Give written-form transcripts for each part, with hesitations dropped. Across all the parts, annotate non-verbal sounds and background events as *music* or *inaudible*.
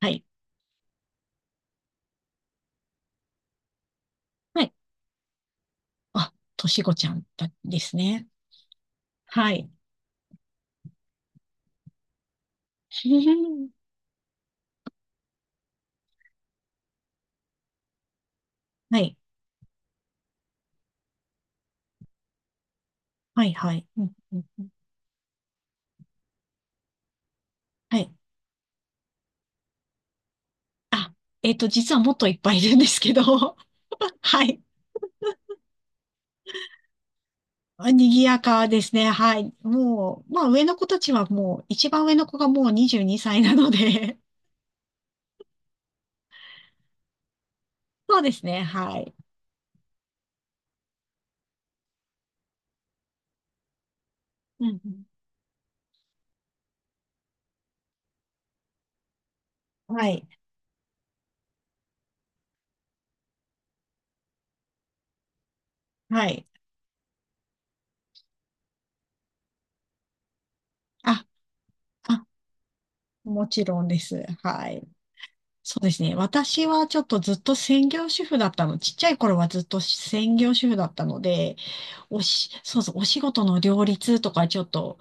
はい。はい。あ、としごちゃんだですね。はい。*laughs* はい。はい。うんはい。実はもっといっぱいいるんですけど、*laughs* はい。賑やかですね。はい。まあ上の子たちはもう、一番上の子がもう22歳なので、*laughs* そうですね。はい。うんうんはい。はい。あ、あ、もちろんです。はい。そうですね。私はちょっとずっと専業主婦だったの。ちっちゃい頃はずっと専業主婦だったので、おし、そうそう、お仕事の両立とかちょっと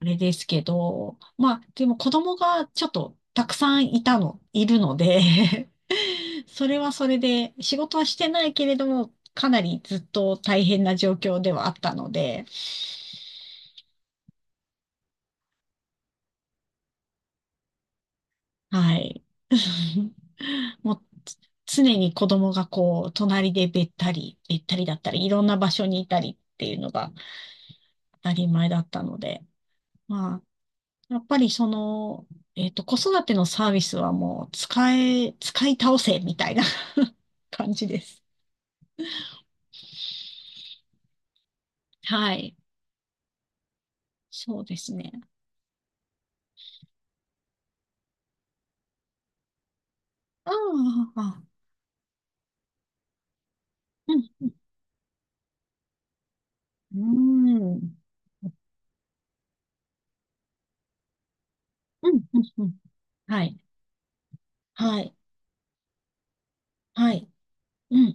あれですけど、まあ、でも子供がちょっとたくさんいたの、いるので *laughs* それはそれで、仕事はしてないけれども、かなりずっと大変な状況ではあったので、はい。*laughs* もうつ常に子供がこう、隣でべったりだったり、いろんな場所にいたりっていうのが当たり前だったので、まあ、やっぱりその、子育てのサービスはもう使え、使い倒せみたいな *laughs* 感じです。はい。そうですね。ああ、ああうん、うん、うん、うん、うん。うんはい。はい。はい。うん、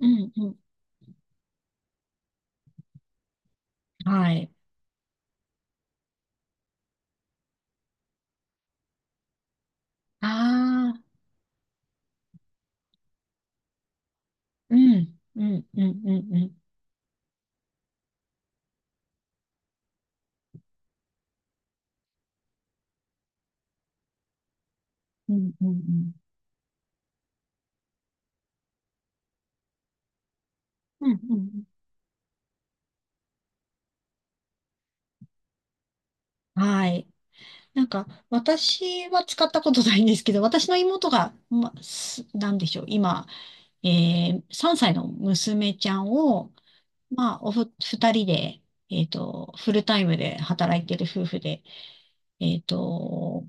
うん、うん、うん。はい。ああ、うん、うん、うん、うん、うん、うん、うん、うん、うん。はい。なんか、私は使ったことないんですけど、私の妹が、なんでしょう、今、3歳の娘ちゃんを、2人で、フルタイムで働いてる夫婦で、えっと、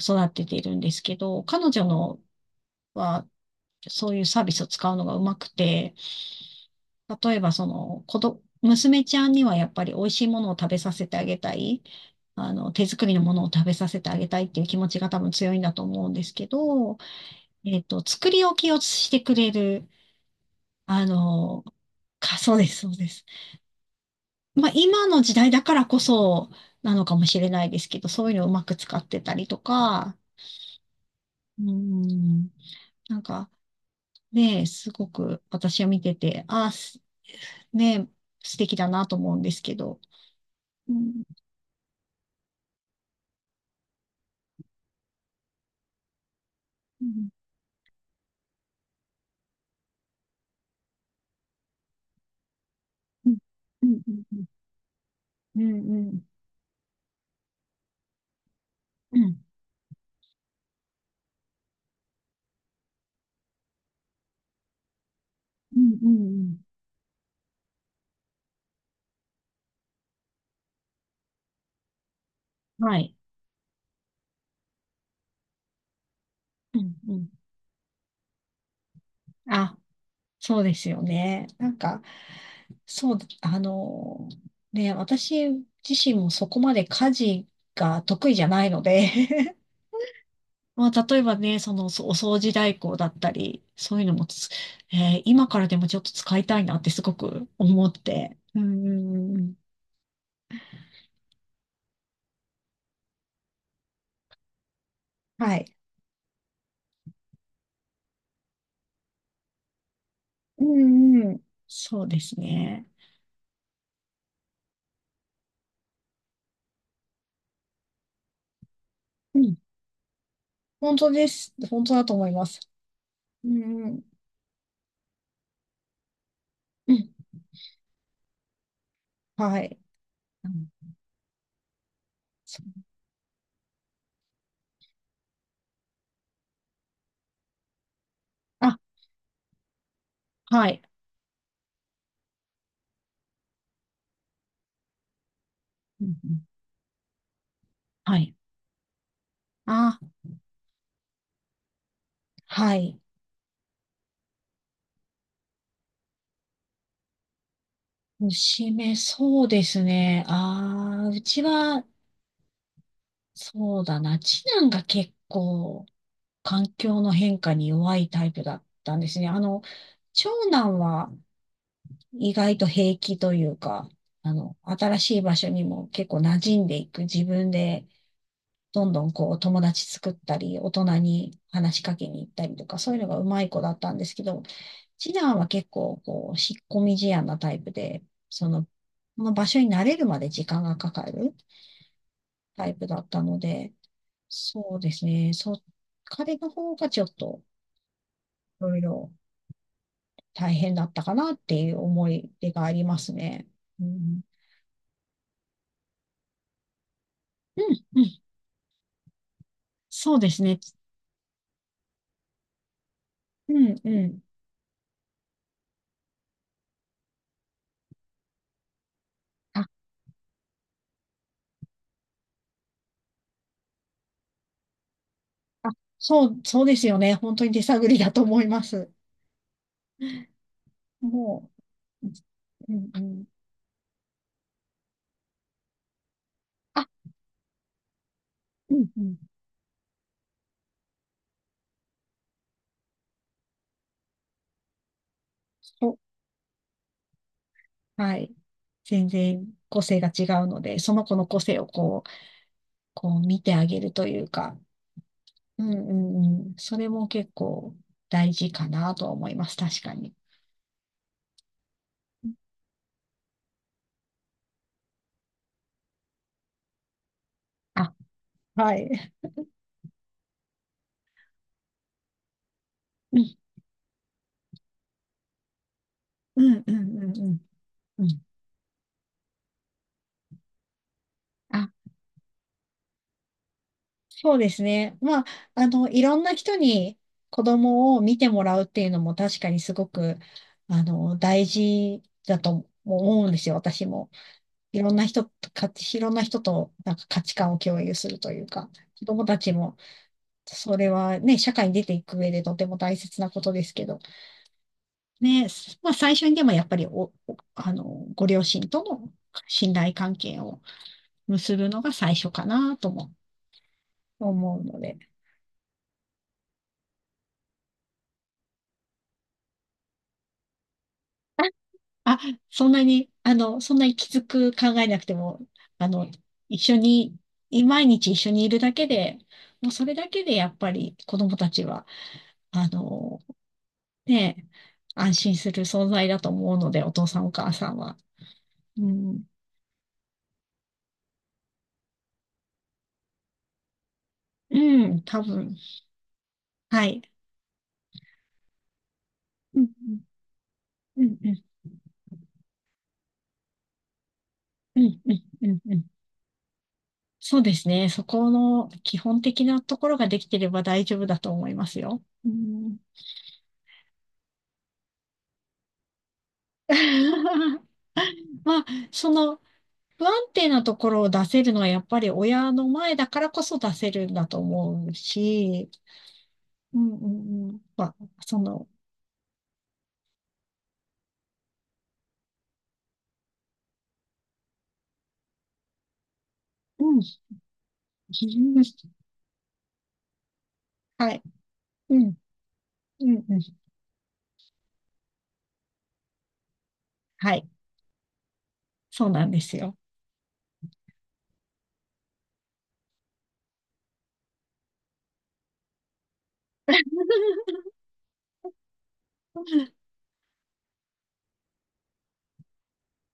育てているんですけど、彼女のは、そういうサービスを使うのがうまくて、例えばその、娘ちゃんにはやっぱり美味しいものを食べさせてあげたい。あの、手作りのものを食べさせてあげたいっていう気持ちが多分強いんだと思うんですけど、作り置きをしてくれる、あの、そうです、そうです。まあ、今の時代だからこそなのかもしれないですけど、そういうのをうまく使ってたりとか、うん、なんか、ね、すごく私は見てて、ね、素敵だなと思うんですけど。うん、うん、うん、うん、うん、うん、うん、うん、うん、うんうんはい。うん、うん。あ、そうですよね。そう、あの、ね、私自身もそこまで家事が得意じゃないので *laughs* まあ、例えばね、お掃除代行だったり、そういうのもつ、今からでもちょっと使いたいなってすごく思って。んうん、はい。うん。そうですね。うん。本当です。本当だと思います。うんうん。うん。はい。うんそうあ、はい。うんうん。はい。あ、はい。そうですね。うちは、そうだな。次男が結構、環境の変化に弱いタイプだったんですね。あの、長男は意外と平気というか、あの、新しい場所にも結構馴染んでいく自分で、どんどんこう友達作ったり、大人に話しかけに行ったりとか、そういうのがうまい子だったんですけど、次男は結構こう、引っ込み思案なタイプで、その、この場所に慣れるまで時間がかかるタイプだったので、そうですね、彼の方がちょっといろいろ大変だったかなっていう思い出がありますね。うん、うん、うん、そうですね。うん、うん。あ、あ、そうですよね。本当に手探りだと思います。もううんうん。あ、うんうん。そう。はい。全然個性が違うので、その子の個性をこう、こう見てあげるというか、うん。それも結構大事かなとは思います。確かに。あ、はい。うんうんうんうんうん。うんあ、そうですね。まあ、あの、いろんな人に子供を見てもらうっていうのも確かにすごく、あの、大事だと思うんですよ、私も。いろんな人となんか価値観を共有するというか、子供たちも、それはね、社会に出ていく上でとても大切なことですけど、ね、まあ最初にでもやっぱりあの、ご両親との信頼関係を結ぶのが最初かなとも思うので、あ、そんなに、あの、そんなにきつく考えなくても、あの、一緒に、毎日一緒にいるだけで、もうそれだけでやっぱり子供たちは、あの、ねえ、安心する存在だと思うので、お父さんお母さんは。うん、う多分。はい。うん、うん、うん、うん、うん、うん。うんそうですね。そこの基本的なところができてれば大丈夫だと思いますよ。うん *laughs* まあ、その不安定なところを出せるのはやっぱり親の前だからこそ出せるんだと思うし、うん。まあ、その、うん。*laughs* はい。うん、うん、うん。はい。そうなんですよ。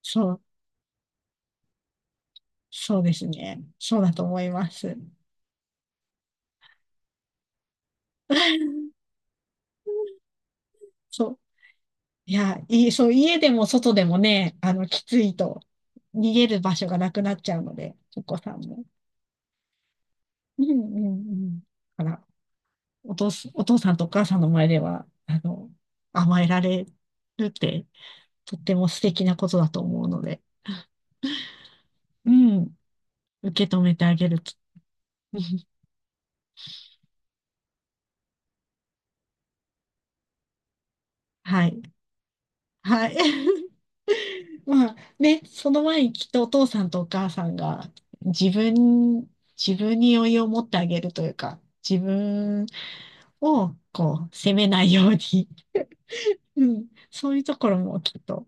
そう、そうですね。そうだと思います。そう。家でも外でもね、あの、きついと、逃げる場所がなくなっちゃうので、お子さんも。うんうんうん。だから、お父さんとお母さんの前では、あの、甘えられるって、とっても素敵なことだと思うので、うん、受け止めてあげると。*laughs* はい。はい。まあね、その前にきっとお父さんとお母さんが自分、自分に余裕を持ってあげるというか、自分をこう責めないように、*laughs* うん、そういうところもきっと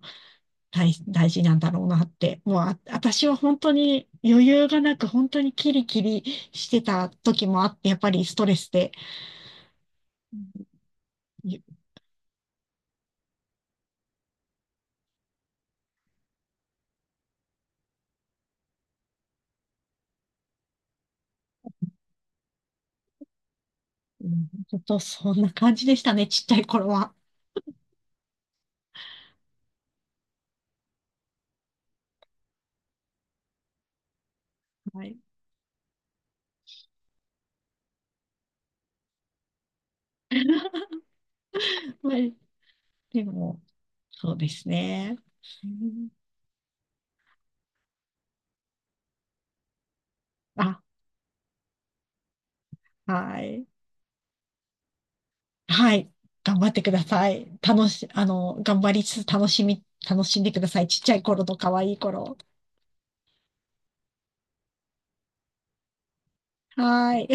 大事なんだろうなって、もうあ、私は本当に余裕がなく本当にキリキリしてた時もあって、やっぱりストレスで、うん、本当そんな感じでしたね、ちっちゃい頃は。はい。まあでも、そうですね。うんあはい。はい。頑張ってください。楽し、あの、頑張りつつ楽しんでください。ちっちゃい頃と可愛い頃。はい。